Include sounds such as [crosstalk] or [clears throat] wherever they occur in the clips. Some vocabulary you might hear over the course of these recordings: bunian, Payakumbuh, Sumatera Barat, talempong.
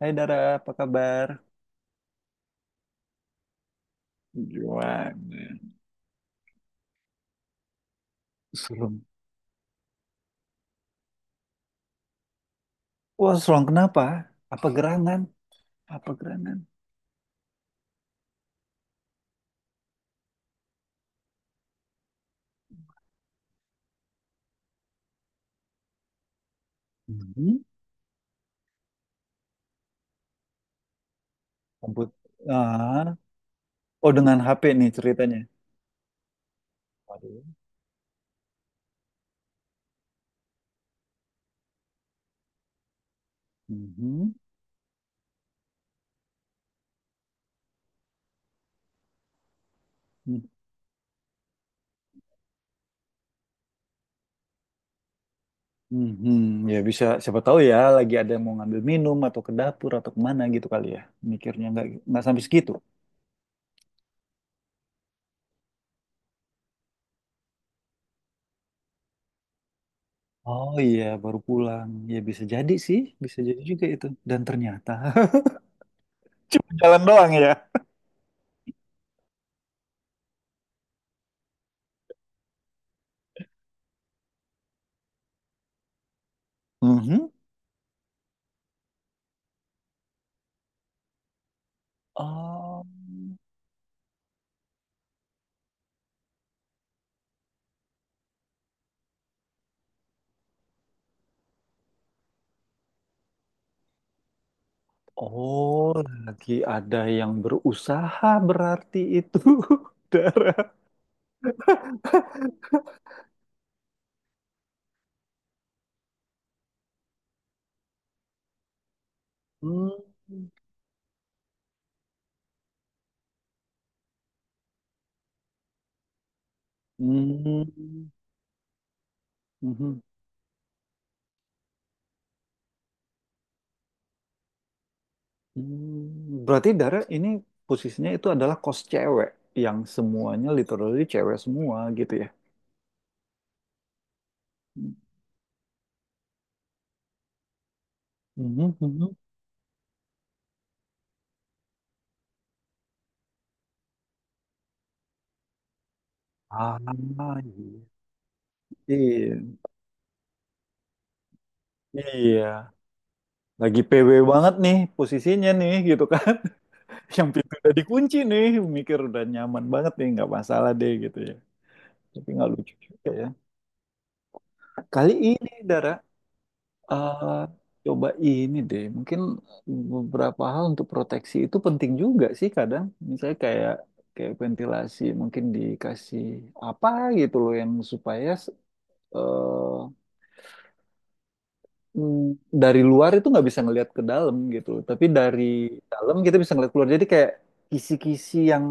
Hai Dara, apa kabar? Gimana? Serem. Wah, serem kenapa? Apa gerangan? Apa gerangan? Mhm. Komput. Ah. Oh, dengan HP nih ceritanya. Waduh. Mhm. Mhm. Mhm. Ya bisa, siapa tahu ya lagi ada yang mau ngambil minum atau ke dapur atau kemana gitu kali ya. Mikirnya nggak sampai segitu. Oh iya, baru pulang. Ya bisa jadi sih, bisa jadi juga itu. Dan ternyata [laughs] cuma jalan doang ya. Mhm. Oh. Oh, lagi ada yang berusaha berarti itu, [laughs] Dara. Hmm. Hmm. Mhm. Hmm. Berarti Dara ini posisinya itu adalah kos cewek yang semuanya literally cewek semua gitu ya. Mhm, mhm. Ah, iya. Iya. Iya. Lagi PW banget nih posisinya nih gitu kan. [laughs] Yang pintu udah dikunci nih, mikir udah nyaman banget nih, nggak masalah deh gitu ya. Tapi nggak lucu juga ya. Kali ini, Dara, eh, coba ini deh. Mungkin beberapa hal untuk proteksi itu penting juga sih kadang. Misalnya kayak kayak ventilasi, mungkin dikasih apa gitu loh yang supaya eh, dari luar itu nggak bisa ngelihat ke dalam gitu loh. Tapi dari dalam kita bisa ngelihat keluar. Jadi kayak kisi-kisi yang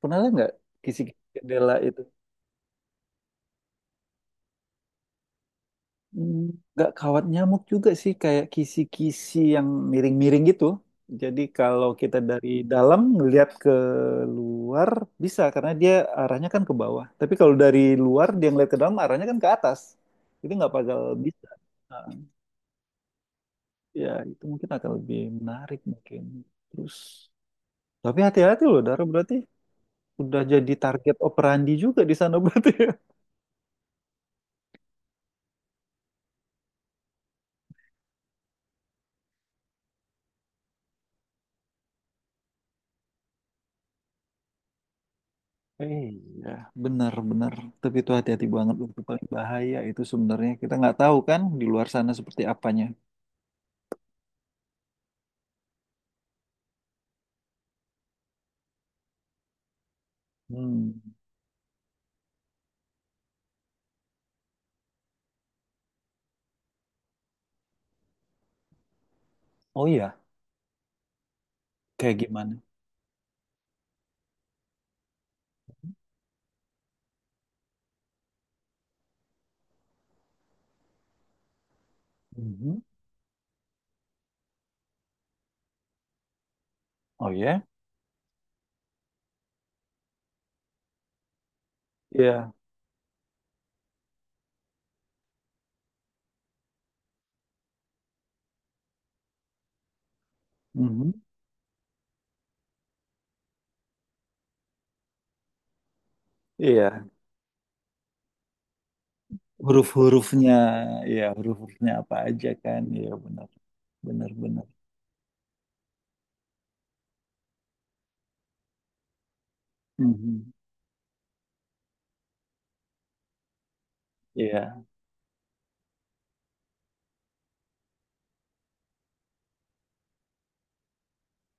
pernah lihat nggak kisi-kisi jendela itu? Hmm, nggak kawat nyamuk juga sih, kayak kisi-kisi yang miring-miring gitu. Jadi kalau kita dari dalam ngelihat ke luar bisa, karena dia arahnya kan ke bawah. Tapi kalau dari luar dia ngelihat ke dalam arahnya kan ke atas. Jadi nggak bakal bisa. Nah, ya itu mungkin akan lebih menarik mungkin. Terus tapi hati-hati loh Dara, berarti udah jadi target operandi juga di sana [laughs] berarti. Iya, benar-benar. Tapi itu hati-hati banget, loh. Itu paling bahaya itu sebenarnya. Kita nggak tahu kan di luar sana seperti apanya. Hmm. Oh iya, kayak gimana? Mhm. Oh iya, iya. Mhm. Iya. Huruf-hurufnya, iya huruf-hurufnya apa aja kan? Iya benar, benar-benar. Mhm. Iya,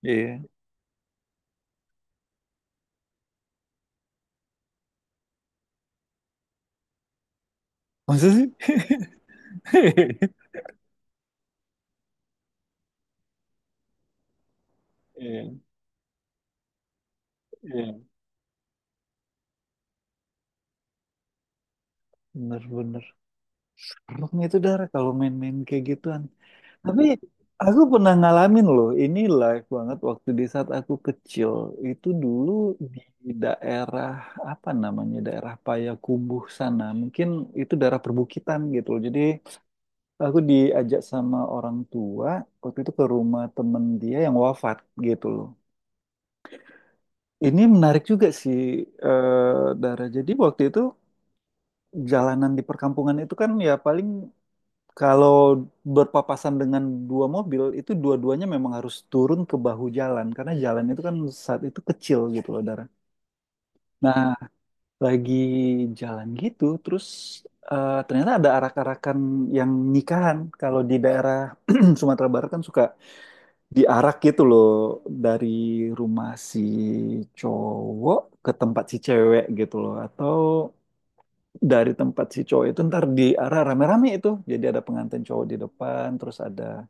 iya. Masa sih? [laughs] Iya, iya. Benar-benar. Serem itu darah kalau main-main kayak gituan. Tapi aku pernah ngalamin loh, ini live banget waktu di saat aku kecil. Itu dulu di daerah apa namanya? Daerah Payakumbuh sana. Mungkin itu daerah perbukitan gitu loh. Jadi aku diajak sama orang tua waktu itu ke rumah temen dia yang wafat gitu loh. Ini menarik juga sih, Dara. Jadi waktu itu jalanan di perkampungan itu, kan ya paling, kalau berpapasan dengan dua mobil itu dua-duanya memang harus turun ke bahu jalan karena jalan itu kan saat itu kecil gitu loh Dara. Nah, lagi jalan gitu terus ternyata ada arak-arakan yang nikahan. Kalau di daerah [clears throat] Sumatera Barat kan suka diarak gitu loh, dari rumah si cowok ke tempat si cewek gitu loh, atau dari tempat si cowok itu ntar diarak rame-rame itu. Jadi ada pengantin cowok di depan, terus ada.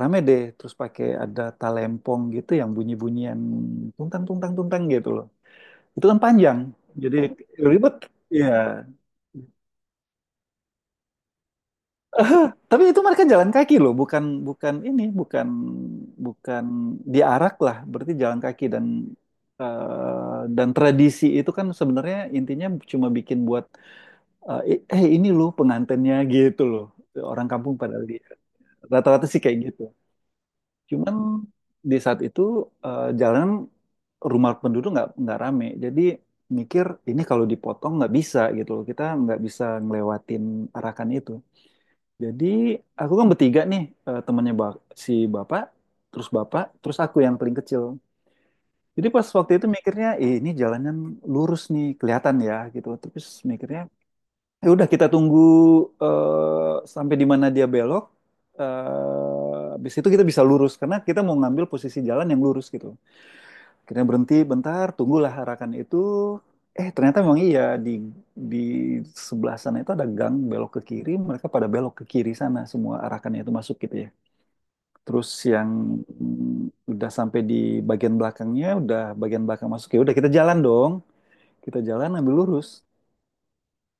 Rame deh, terus pakai ada talempong gitu yang bunyi-bunyian tungtang tungtang tungtang gitu loh. Itu kan panjang. Jadi ribet. Iya. [laughs] Tapi itu mereka jalan kaki loh, bukan bukan ini, bukan bukan diarak lah, berarti jalan kaki dan dan tradisi itu kan sebenarnya intinya cuma bikin buat ini loh pengantennya gitu loh. Orang kampung pada lihat. Rata-rata sih kayak gitu. Cuman di saat itu jalanan rumah penduduk nggak rame. Jadi mikir ini kalau dipotong nggak bisa gitu loh. Kita nggak bisa ngelewatin arakan itu. Jadi aku kan bertiga nih, eh, temannya ba- si bapak, terus aku yang paling kecil. Jadi pas waktu itu mikirnya, "Ih, ini jalannya lurus nih, kelihatan ya gitu. Terus mikirnya ya udah kita tunggu sampai di mana dia belok. Habis itu kita bisa lurus karena kita mau ngambil posisi jalan yang lurus gitu. Kita berhenti bentar, tunggulah harakan itu. Ternyata memang iya, di di sebelah sana itu ada gang belok ke kiri. Mereka pada belok ke kiri sana semua, harakannya itu masuk gitu ya. Terus yang udah sampai di bagian belakangnya, udah bagian belakang masuk, ya udah kita jalan dong. Kita jalan ambil lurus.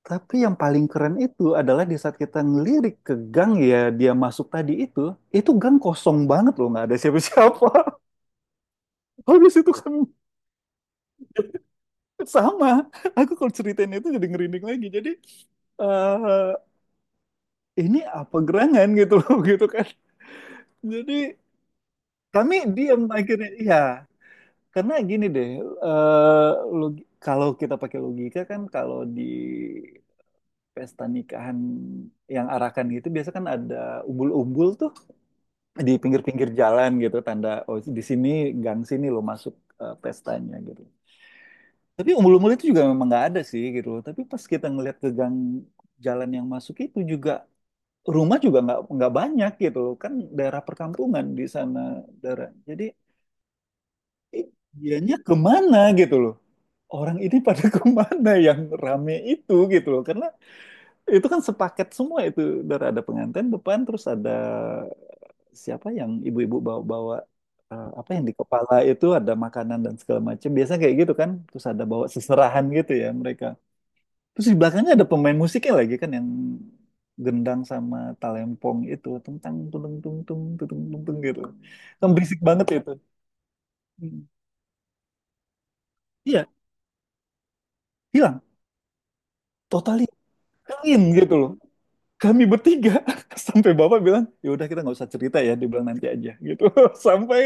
Tapi yang paling keren itu adalah di saat kita ngelirik ke gang ya dia masuk tadi itu gang kosong banget loh, nggak ada siapa-siapa. [laughs] Habis itu kan sama. Aku kalau ceritain itu jadi ngerinding lagi. Jadi eh ini apa gerangan gitu loh [laughs] gitu kan. Jadi kami diam akhirnya. Iya, karena gini deh. eh, kalau kita pakai logika kan, kalau di pesta nikahan yang arakan gitu biasa kan ada umbul-umbul tuh, di pinggir-pinggir jalan gitu tanda oh di sini gang sini lo masuk pestanya gitu. Tapi umbul-umbul itu juga memang nggak ada sih gitu, tapi pas kita ngelihat ke gang jalan yang masuk itu juga, rumah juga nggak banyak gitu loh, kan daerah perkampungan di sana daerah. Jadi eh, dianya kemana gitu loh, orang ini pada [laughs] kemana yang rame itu gitu loh, karena itu kan sepaket semua itu. Dari ada pengantin depan, terus ada siapa yang ibu-ibu bawa-bawa apa yang di kepala itu, ada makanan dan segala macam. Biasanya kayak gitu kan. Terus ada bawa seserahan gitu ya mereka. Terus di belakangnya ada pemain musiknya lagi kan, yang gendang sama talempong itu tentang tung tung tung tung tung tung tung gitu. Kan berisik banget itu. Hmm. Iya, hilang. Totally clean gitu loh. Kami bertiga [laughs] sampai bapak bilang ya udah kita nggak usah cerita ya, dibilang nanti aja gitu. [laughs] Sampai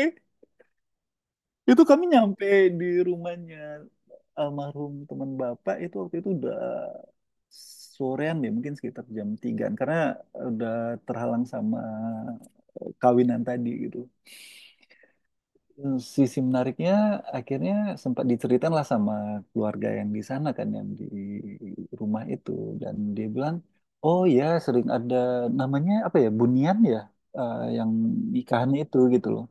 itu kami nyampe di rumahnya almarhum teman bapak itu waktu itu udah sorean, deh mungkin sekitar jam tigaan karena udah terhalang sama kawinan tadi gitu. Sisi menariknya akhirnya sempat diceritain lah sama keluarga yang di sana kan, yang di rumah itu, dan dia bilang oh ya sering ada namanya apa ya, bunian ya, yang nikahan itu gitu loh,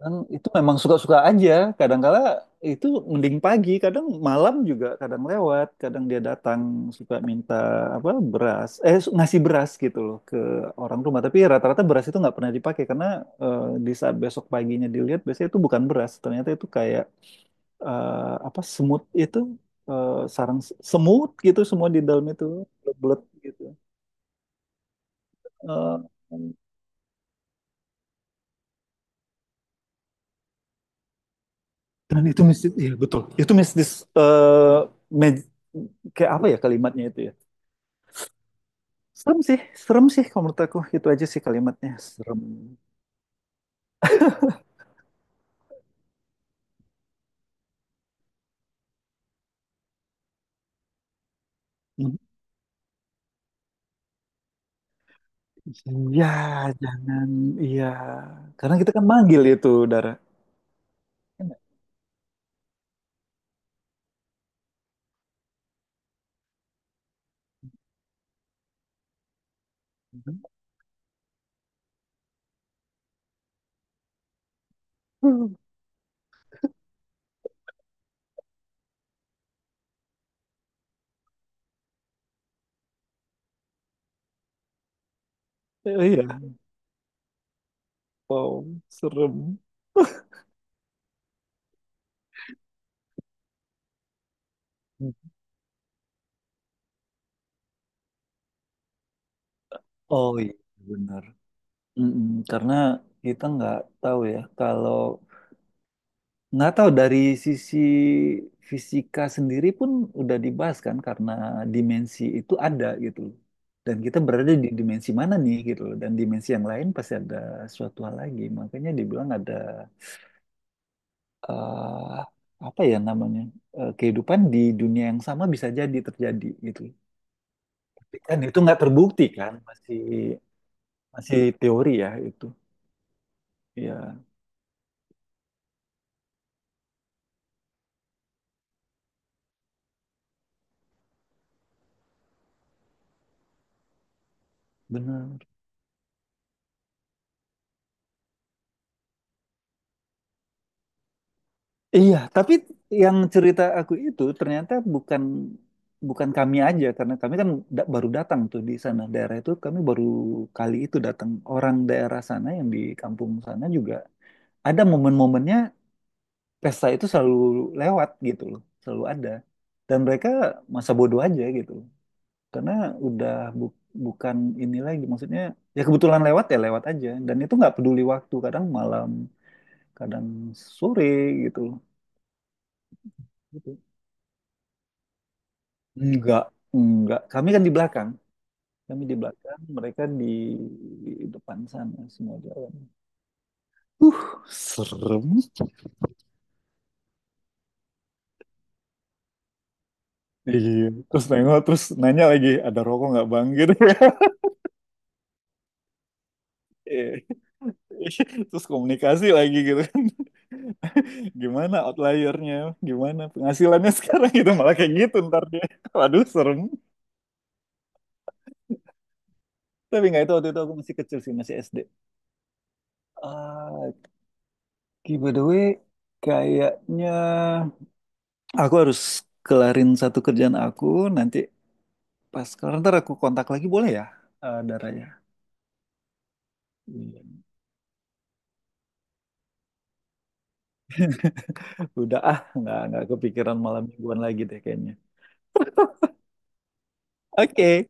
dan itu memang suka-suka aja. Kadangkala itu mending pagi, kadang malam juga, kadang lewat, kadang dia datang suka minta apa beras, ngasih beras gitu loh ke orang rumah. Tapi rata-rata beras itu nggak pernah dipakai karena di saat besok paginya dilihat biasanya itu bukan beras, ternyata itu kayak eh, apa semut itu, eh, semut gitu semua di dalam itu belet gitu. Eh, dan itu mistis, ya betul. Itu mistis eh, me- kayak apa ya kalimatnya itu ya? Serem sih, serem sih kalau menurut aku. Itu aja sih kalimatnya, serem. Iya, jangan, iya. Karena kita kan manggil itu, Dara. Iya, wow, serem. Oh iya, benar. Mm-mm. Karena kita nggak tahu ya, kalau nggak tahu dari sisi fisika sendiri pun udah dibahas kan, karena dimensi itu ada gitu loh. Dan kita berada di dimensi mana nih gitu loh. Dan dimensi yang lain pasti ada suatu hal lagi. Makanya dibilang ada eh apa ya namanya, kehidupan di dunia yang sama bisa jadi terjadi gitu. Tapi kan itu nggak terbukti kan, masih masih teori ya itu. Ya benar. Iya, tapi yang cerita aku itu ternyata bukan bukan kami aja, karena kami kan baru datang tuh di sana, daerah itu kami baru kali itu datang. Orang daerah sana yang di kampung sana juga ada momen-momennya, pesta itu selalu lewat gitu loh, selalu ada, dan mereka masa bodoh aja gitu loh. Karena udah bu- bukan ini lagi maksudnya, ya kebetulan lewat ya lewat aja, dan itu nggak peduli waktu, kadang malam kadang sore gitu loh. Enggak, enggak. Kami kan di belakang. Kami di belakang, mereka di depan sana semua jalan. Uh, serem. Iya. Terus nengok, terus nanya lagi, ada rokok nggak bang? Gitu ya. [laughs] Iya. Terus komunikasi lagi gitu kan. [laughs] Gimana outliernya? Gimana penghasilannya sekarang gitu? Malah kayak gitu ntar dia. [laughs] Waduh, serem. Tapi nggak, itu waktu itu aku masih kecil sih, masih SD. Ah, Ki, by the way, kayaknya aku harus kelarin satu kerjaan aku, nanti pas kelar ntar aku kontak lagi boleh ya, Daranya? Iya. Udah ah, nggak kepikiran malam mingguan lagi deh kayaknya. Oke.